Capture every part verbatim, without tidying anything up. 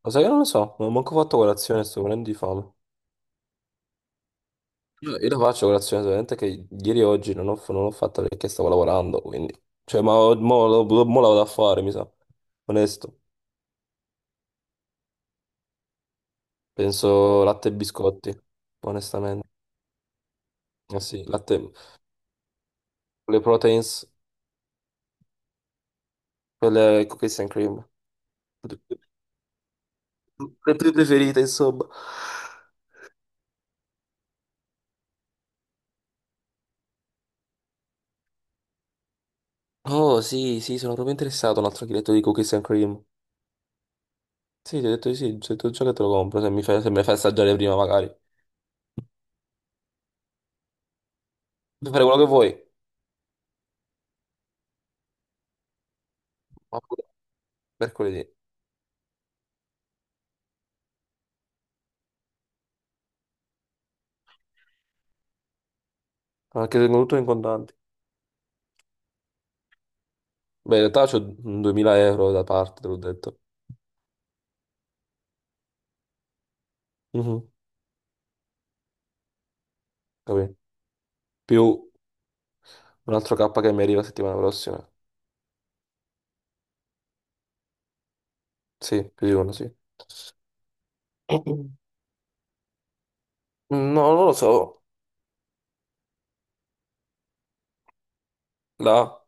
Lo sai che non lo so, non ho manco fatto colazione, sto morendo di fame. Io io la faccio colazione, solamente che ieri e oggi non ho, non l'ho fatta perché stavo lavorando, quindi... Cioè, ma ho- mo, lo- mo la vado a fare, mi sa. Onesto. Penso latte e biscotti, onestamente. Eh sì, latte... Le proteins, quelle cookies and cream. Le tue preferite, insomma. Oh, sì, sì, sono proprio interessato a un altro chiletto di cookies and cream. Sì, ti ho detto di sì, se tu già che te lo compro, se mi fai, se me lo fai assaggiare prima magari. Puoi fare quello che vuoi. Mercoledì. Anche tengo tutto in contanti. Beh, in realtà c'ho duemila euro da parte, te l'ho detto. Mhm, capì? Più un altro kappa che mi arriva settimana prossima. Sì, più di uno, sì. No, non lo so. Là.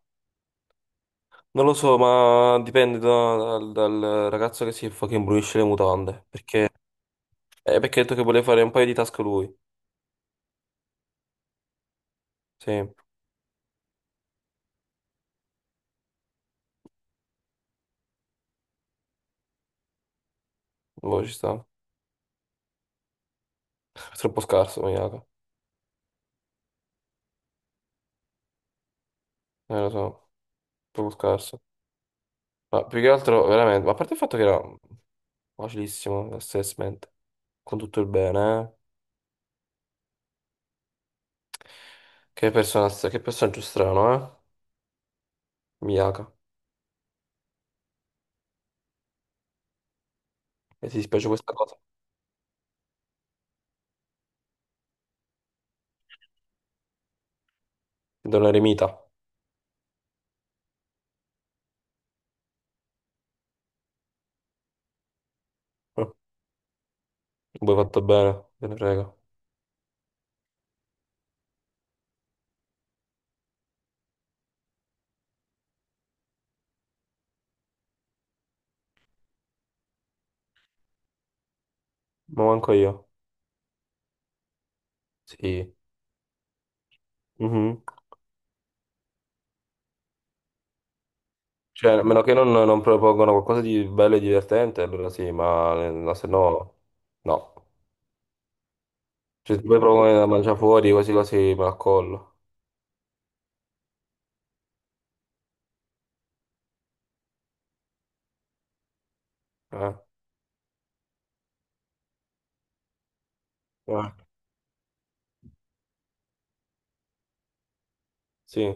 Non lo so, ma dipende da- dal, dal ragazzo che si fucking brulisce le mutande. Perché, eh, perché ha detto che voleva fare un paio di task lui. Sì, boh, ci sta. È troppo scarso, maniaco. Eh, lo so, troppo scarso. Ma più che altro, veramente, ma a parte il fatto che era facilissimo, assessment. Con tutto il bene, eh. Che persona, che personaggio strano, eh? Miyaka. E ti dispiace questa cosa? È un eremita. Eh, Voi fatto bene, te ne frega. Ma manco io. Sì. Mhm. Cioè, a meno che non, non propongono qualcosa di bello e divertente, allora sì, ma, ma se no, no. Cioè, se poi propongono da mangiare fuori, quasi quasi me la collo. Eh? Eh. Sì.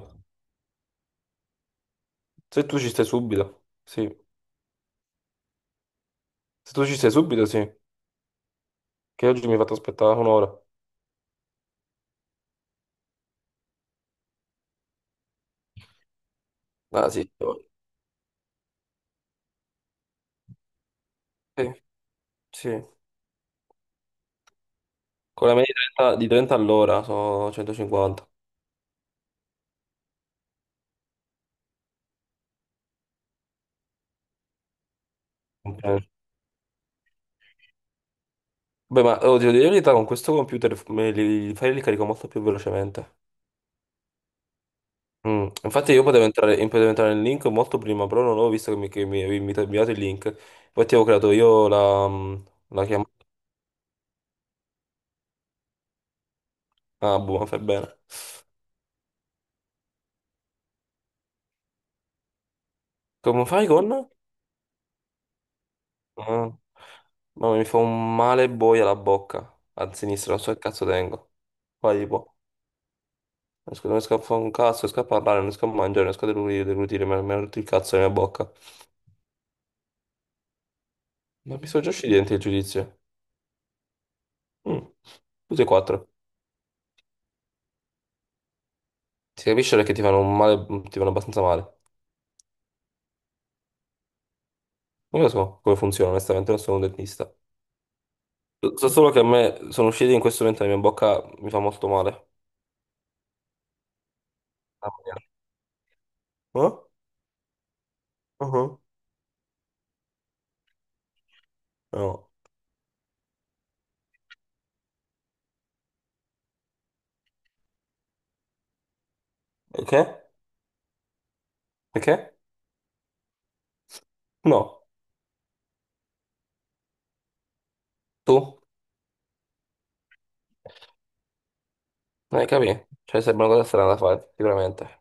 Se tu ci stai subito, sì. Se tu ci stai subito, sì. Che oggi mi hai fatto aspettare un'ora. Ah, sì, sì, sì. Con la media di trenta di trenta all'ora sono centocinquanta. Ok. Beh, ma oh, devo dire la verità, con questo computer f- me li, i file li carico molto più velocemente. Mm, infatti io potevo entrare, io potevo entrare nel link molto prima, però non avevo visto che mi, che mi avevi invita- inviato il link. Infatti avevo creato io la, mm, la chiamata. Ah, buono, fai bene. Come fai con? Ah. Ma mi fa un male boia la bocca. A sinistra, non so che cazzo tengo. Vai, tipo. Riesco- non riesco a fare un cazzo, non riesco a parlare, non riesco a mangiare, non riesco a deglutire, deglutire, mi ha mi ha rotto il cazzo nella bocca. Ma mi sono già usciti i denti il giudizio. Mm, tutti e quattro. Si capisce che ti fanno un male, mm, ti fanno abbastanza male. Non lo so come funziona, onestamente, non sono un dentista. So solo che a me sono usciti in questo momento la mia bocca mi fa molto male. Ah, ok. Eh? Uh-huh. No. Perché? Perché? No. Tu? Eh, capì? Cioè, sembra una cosa strana da fare, sicuramente.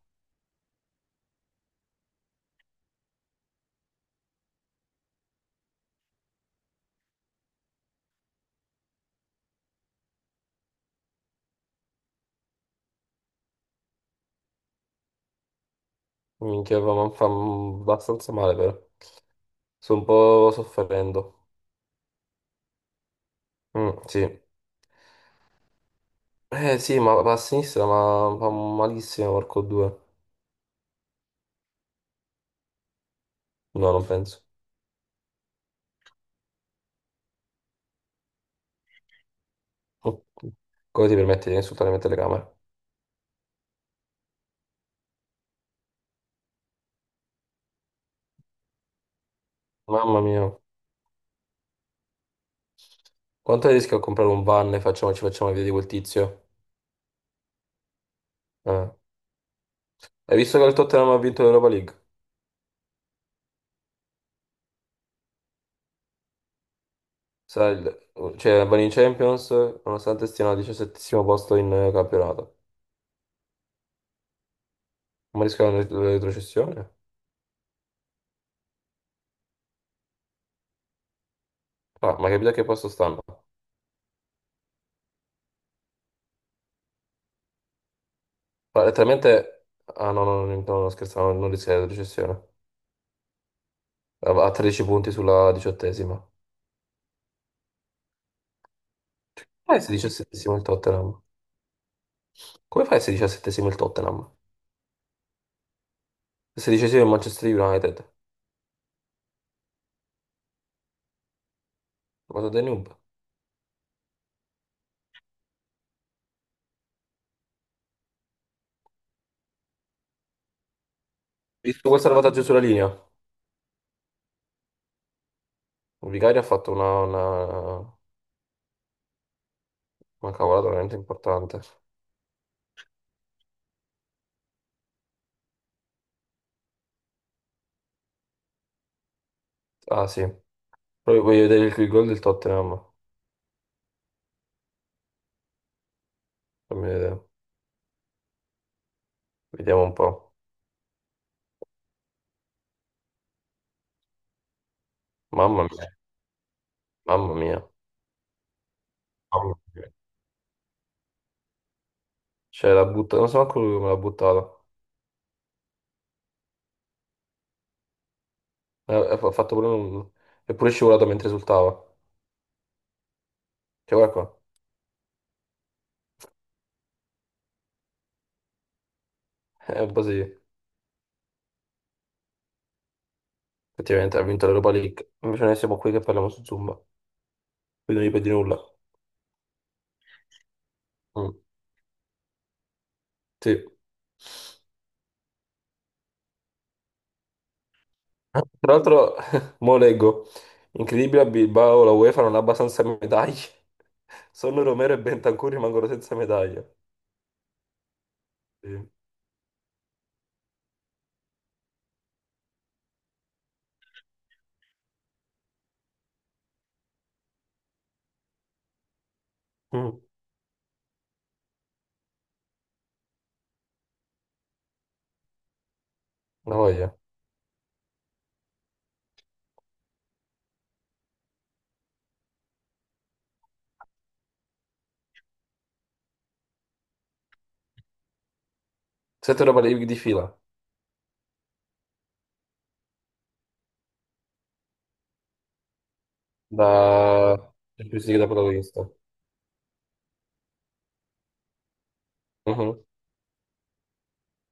Minchia, fa, mi fa abbastanza male, però. Sto un po' soffrendo. Mm, sì. Eh sì, ma va a sinistra, ma fa malissimo, porco due. No, non penso. Come ti permetti di insultare le mie telecamere? Mamma mia. Quanto rischio a comprare un van e facciamo, ci facciamo vedere di quel tizio? Eh. Hai visto che il Tottenham ha vinto l'Europa League? Sarà il- cioè, vanno in Champions, nonostante stiano al diciassettesimo posto in eh, campionato. Ma rischiano la retrocessione? Ah, ma hai capito a che posto stanno? Ma letteralmente... Ah no, no, no, no, no, scherzavo, non rischia la retrocessione. A tredici punti sulla diciottesima. Come fai a essere diciassettesimo il Tottenham? Come fai a essere diciassettesimo il Tottenham? Sedicesimo il Manchester United. Ma sono dei noob. Visto quel salvataggio sulla linea. Il Vicario ha fatto una, una, una cavolata veramente importante. Ah sì. Poi voglio vedere il, il gol del Tottenham. Fammi vedere. Vediamo un po'. Mamma mia. Mamma mia. Mamma mia. Cioè la butta. Non so manco lui come l'ha buttata. Eh, Ha ha fatto pure un... È pure scivolato mentre esultava. Cioè guarda qua. È un po' sì. Effettivamente ha vinto l'Europa League. Invece noi siamo qui che parliamo su Zumba. Più non gli perdi nulla. Mm, sì. Tra l'altro, mo leggo, incredibile a Bilbao, la UEFA non ha abbastanza medaglie. Solo Romero e Bentancur rimangono senza medaglie. Sì. Mm, la voglia. Sette Europa League di fila, da Champions League da protagonista. Mhm.